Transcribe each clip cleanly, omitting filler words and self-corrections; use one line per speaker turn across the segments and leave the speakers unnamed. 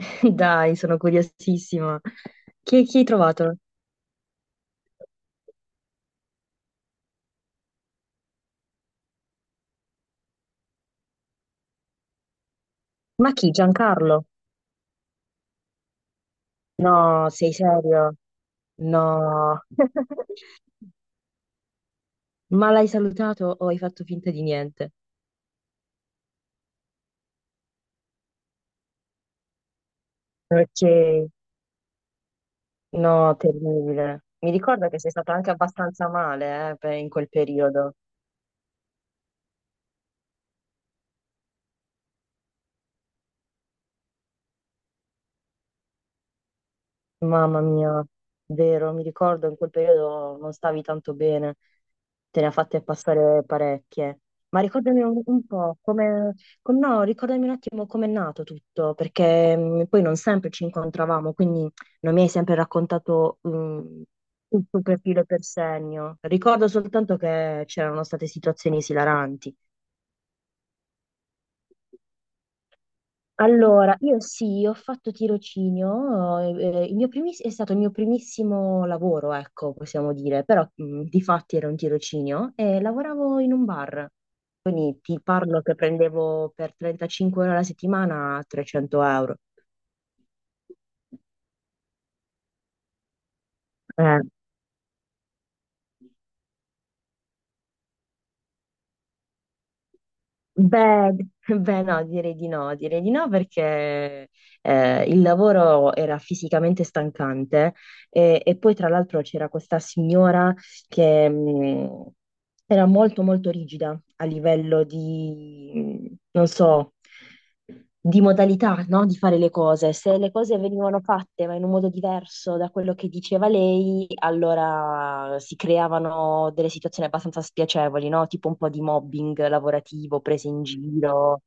Dai, sono curiosissima. Chi hai trovato? Ma chi? Giancarlo? No, sei serio? No. Ma l'hai salutato o hai fatto finta di niente? Ok, no, terribile. Mi ricordo che sei stato anche abbastanza male, in quel periodo. Mamma mia, vero, mi ricordo in quel periodo non stavi tanto bene, te ne ha fatte passare parecchie. Ma ricordami un po' come, com- no, Ricordami un attimo com'è nato tutto, perché poi non sempre ci incontravamo, quindi non mi hai sempre raccontato tutto per filo e per segno. Ricordo soltanto che c'erano state situazioni esilaranti. Allora, io sì, ho fatto tirocinio, è stato il mio primissimo lavoro, ecco, possiamo dire, però di fatti era un tirocinio e lavoravo in un bar, quindi ti parlo che prendevo per 35 ore alla settimana 300 euro. Eh, Beh, beh, no, direi di no, direi di no perché il lavoro era fisicamente stancante e poi tra l'altro c'era questa signora che era molto molto rigida a livello di, non so, di modalità, no? Di fare le cose. Se le cose venivano fatte ma in un modo diverso da quello che diceva lei, allora si creavano delle situazioni abbastanza spiacevoli, no? Tipo un po' di mobbing lavorativo, prese in giro,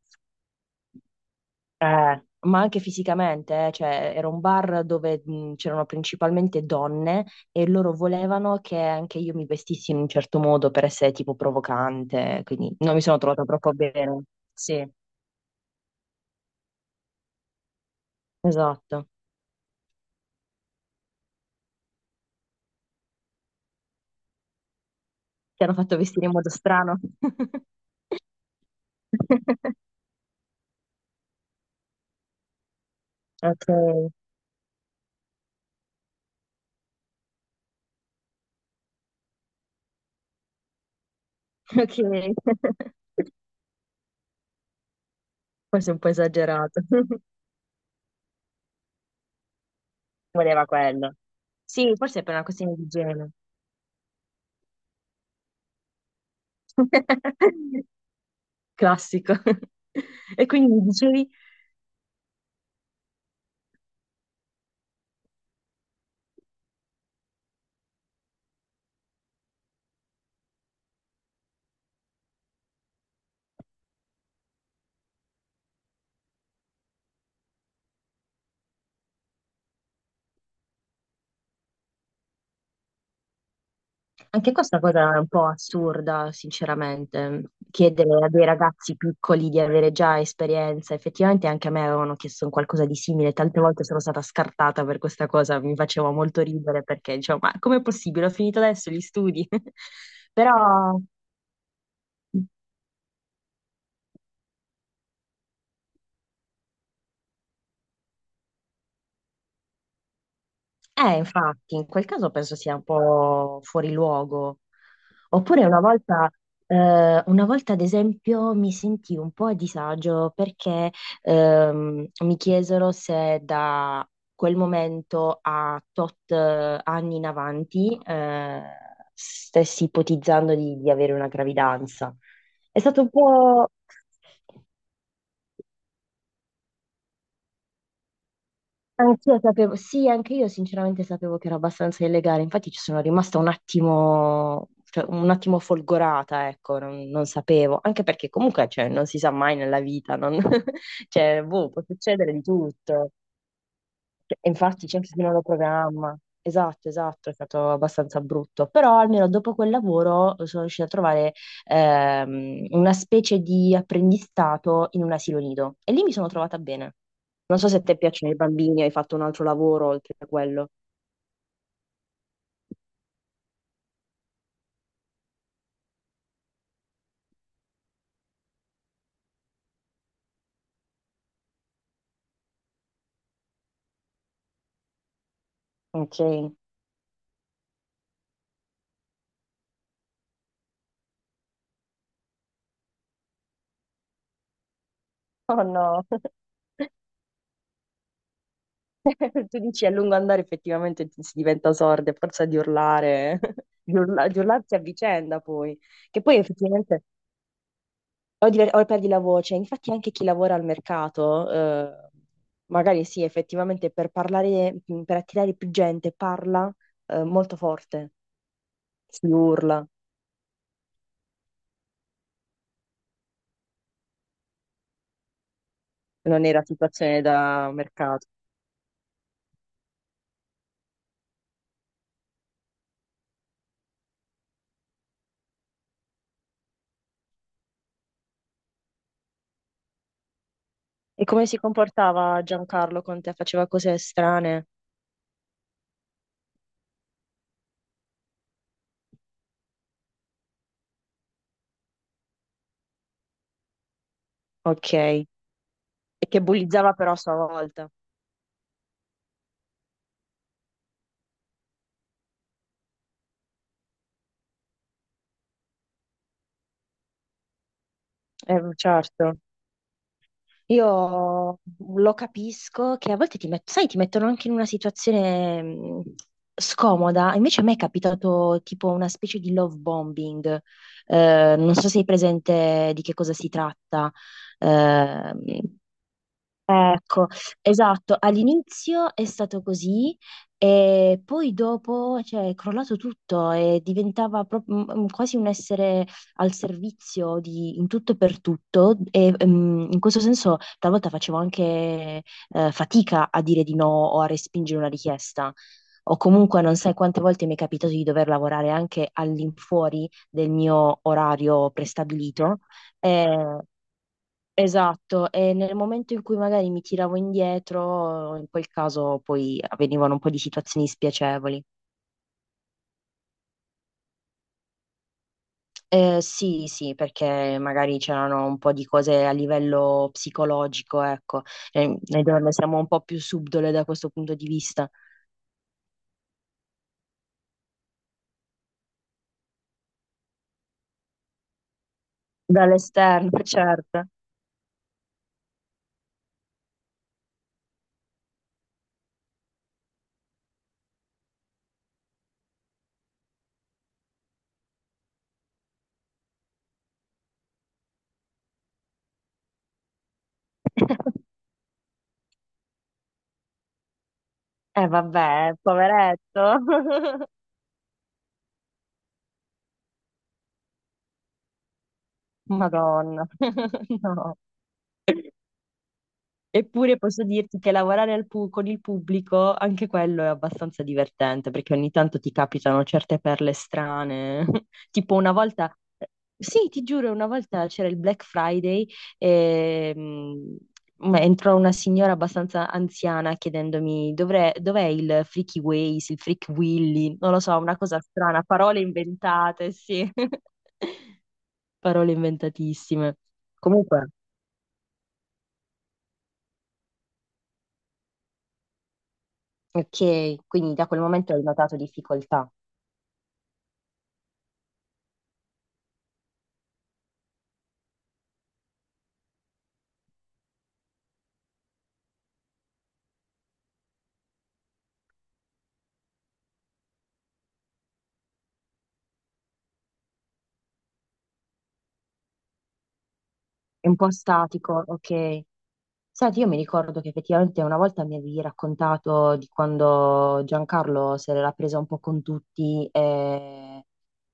ma anche fisicamente, eh. Cioè, era un bar dove c'erano principalmente donne e loro volevano che anche io mi vestissi in un certo modo per essere tipo provocante, quindi non mi sono trovata troppo bene. Sì, esatto. Ti hanno fatto vestire in modo strano? Ok, ok. Forse un po' esagerato. Voleva quello. Sì, forse è per una questione di igiene. Classico. E quindi mi dicevi? Anche questa cosa è un po' assurda, sinceramente, chiedere a dei ragazzi piccoli di avere già esperienza. Effettivamente anche a me avevano chiesto un qualcosa di simile, tante volte sono stata scartata per questa cosa, mi faceva molto ridere perché dicevo, ma com'è possibile? Ho finito adesso gli studi. Però eh, infatti, in quel caso penso sia un po' fuori luogo. Oppure una volta, una volta, ad esempio, mi sentii un po' a disagio perché mi chiesero se da quel momento a tot anni in avanti stessi ipotizzando di avere una gravidanza. È stato un po'... Anch'io sapevo, sì, anche io sinceramente sapevo che era abbastanza illegale, infatti ci sono rimasta un attimo, cioè, un attimo folgorata, ecco, non sapevo, anche perché comunque cioè, non si sa mai nella vita, non- cioè, boh, può succedere di tutto. Cioè, e infatti c'è anche chi non lo programma, esatto, esatto, è stato abbastanza brutto, però almeno dopo quel lavoro sono riuscita a trovare una specie di apprendistato in un asilo nido e lì mi sono trovata bene. Non so se a te piacciono i bambini, hai fatto un altro lavoro oltre a quello. Ok. Oh no, tu dici a lungo andare effettivamente si diventa sorda, a forza di urlare, di urlarsi a vicenda poi, che poi effettivamente o perdi la voce, infatti anche chi lavora al mercato, magari sì, effettivamente per parlare, per attirare più gente parla, molto forte, si urla, non è la situazione da mercato. E come si comportava Giancarlo con te? Faceva cose strane? Ok. E che bullizzava però a sua volta. Certo. Io lo capisco che a volte sai, ti mettono anche in una situazione scomoda. Invece a me è capitato tipo una specie di love bombing. Non so se hai presente di che cosa si tratta. Eh, Ecco, esatto, all'inizio è stato così e poi dopo, cioè, è crollato tutto e diventava proprio quasi un essere al servizio di in tutto e per tutto e in questo senso talvolta facevo anche fatica a dire di no o a respingere una richiesta. O comunque non sai quante volte mi è capitato di dover lavorare anche all'infuori del mio orario prestabilito. Eh, esatto, e nel momento in cui magari mi tiravo indietro, in quel caso poi avvenivano un po' di situazioni spiacevoli. Sì, sì, perché magari c'erano un po' di cose a livello psicologico, ecco, eh, noi donne siamo un po' più subdole da questo punto di vista, dall'esterno, certo. Eh vabbè, poveretto. Madonna, no. Eppure posso dirti che lavorare con il pubblico, anche quello è abbastanza divertente, perché ogni tanto ti capitano certe perle strane. Tipo una volta, sì, ti giuro, una volta c'era il Black Friday e entrò una signora abbastanza anziana chiedendomi "Dov'è il Freaky Ways, il Freak Willy?" Non lo so, una cosa strana, parole inventate, sì, parole inventatissime. Comunque, ok, quindi da quel momento hai notato difficoltà. È un po' statico, okay. Senti, io mi ricordo che effettivamente una volta mi avevi raccontato di quando Giancarlo se l'era presa un po' con tutti, e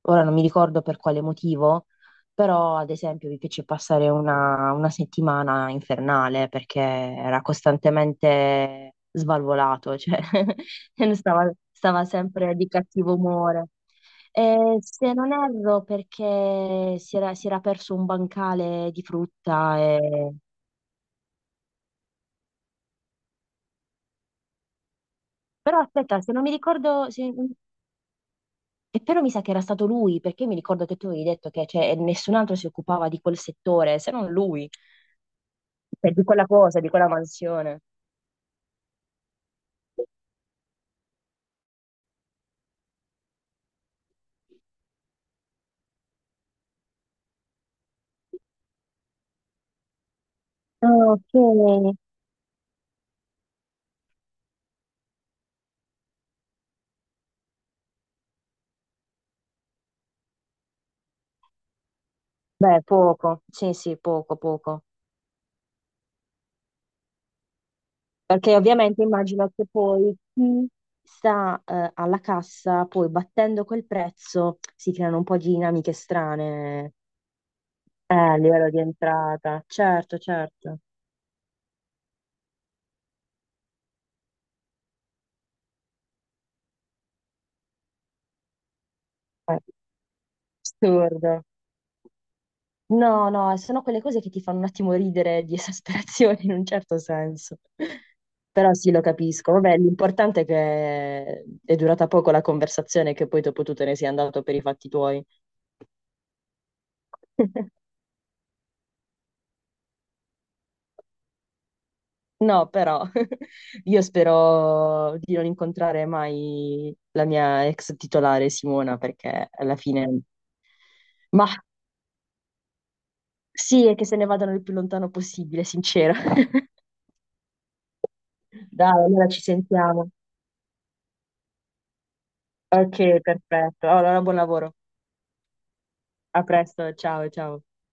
ora non mi ricordo per quale motivo, però ad esempio vi fece passare una settimana infernale perché era costantemente svalvolato, cioè stava, stava sempre di cattivo umore. Se non erro, perché si era perso un bancale di frutta e però aspetta, se non mi ricordo, se- e però mi sa che era stato lui, perché mi ricordo che tu avevi detto che cioè, nessun altro si occupava di quel settore, se non lui, cioè, di quella cosa, di quella mansione. Ah, ok. Beh, poco, sì, sì, poco, poco. Perché ovviamente immagino che poi chi sta alla cassa, poi battendo quel prezzo, si creano un po' di dinamiche strane a livello di entrata. Certo, certo. Eh, assurdo. No, no, sono quelle cose che ti fanno un attimo ridere di esasperazione in un certo senso. Però sì, lo capisco. Vabbè, l'importante è che è durata poco la conversazione e che poi dopo tu te ne sei andato per i fatti tuoi. No, però io spero di non incontrare mai la mia ex titolare Simona perché alla fine... Ma sì, è che se ne vadano il più lontano possibile, sincero. Dai, allora ci sentiamo. Ok, perfetto. Allora, buon lavoro. A presto, ciao ciao.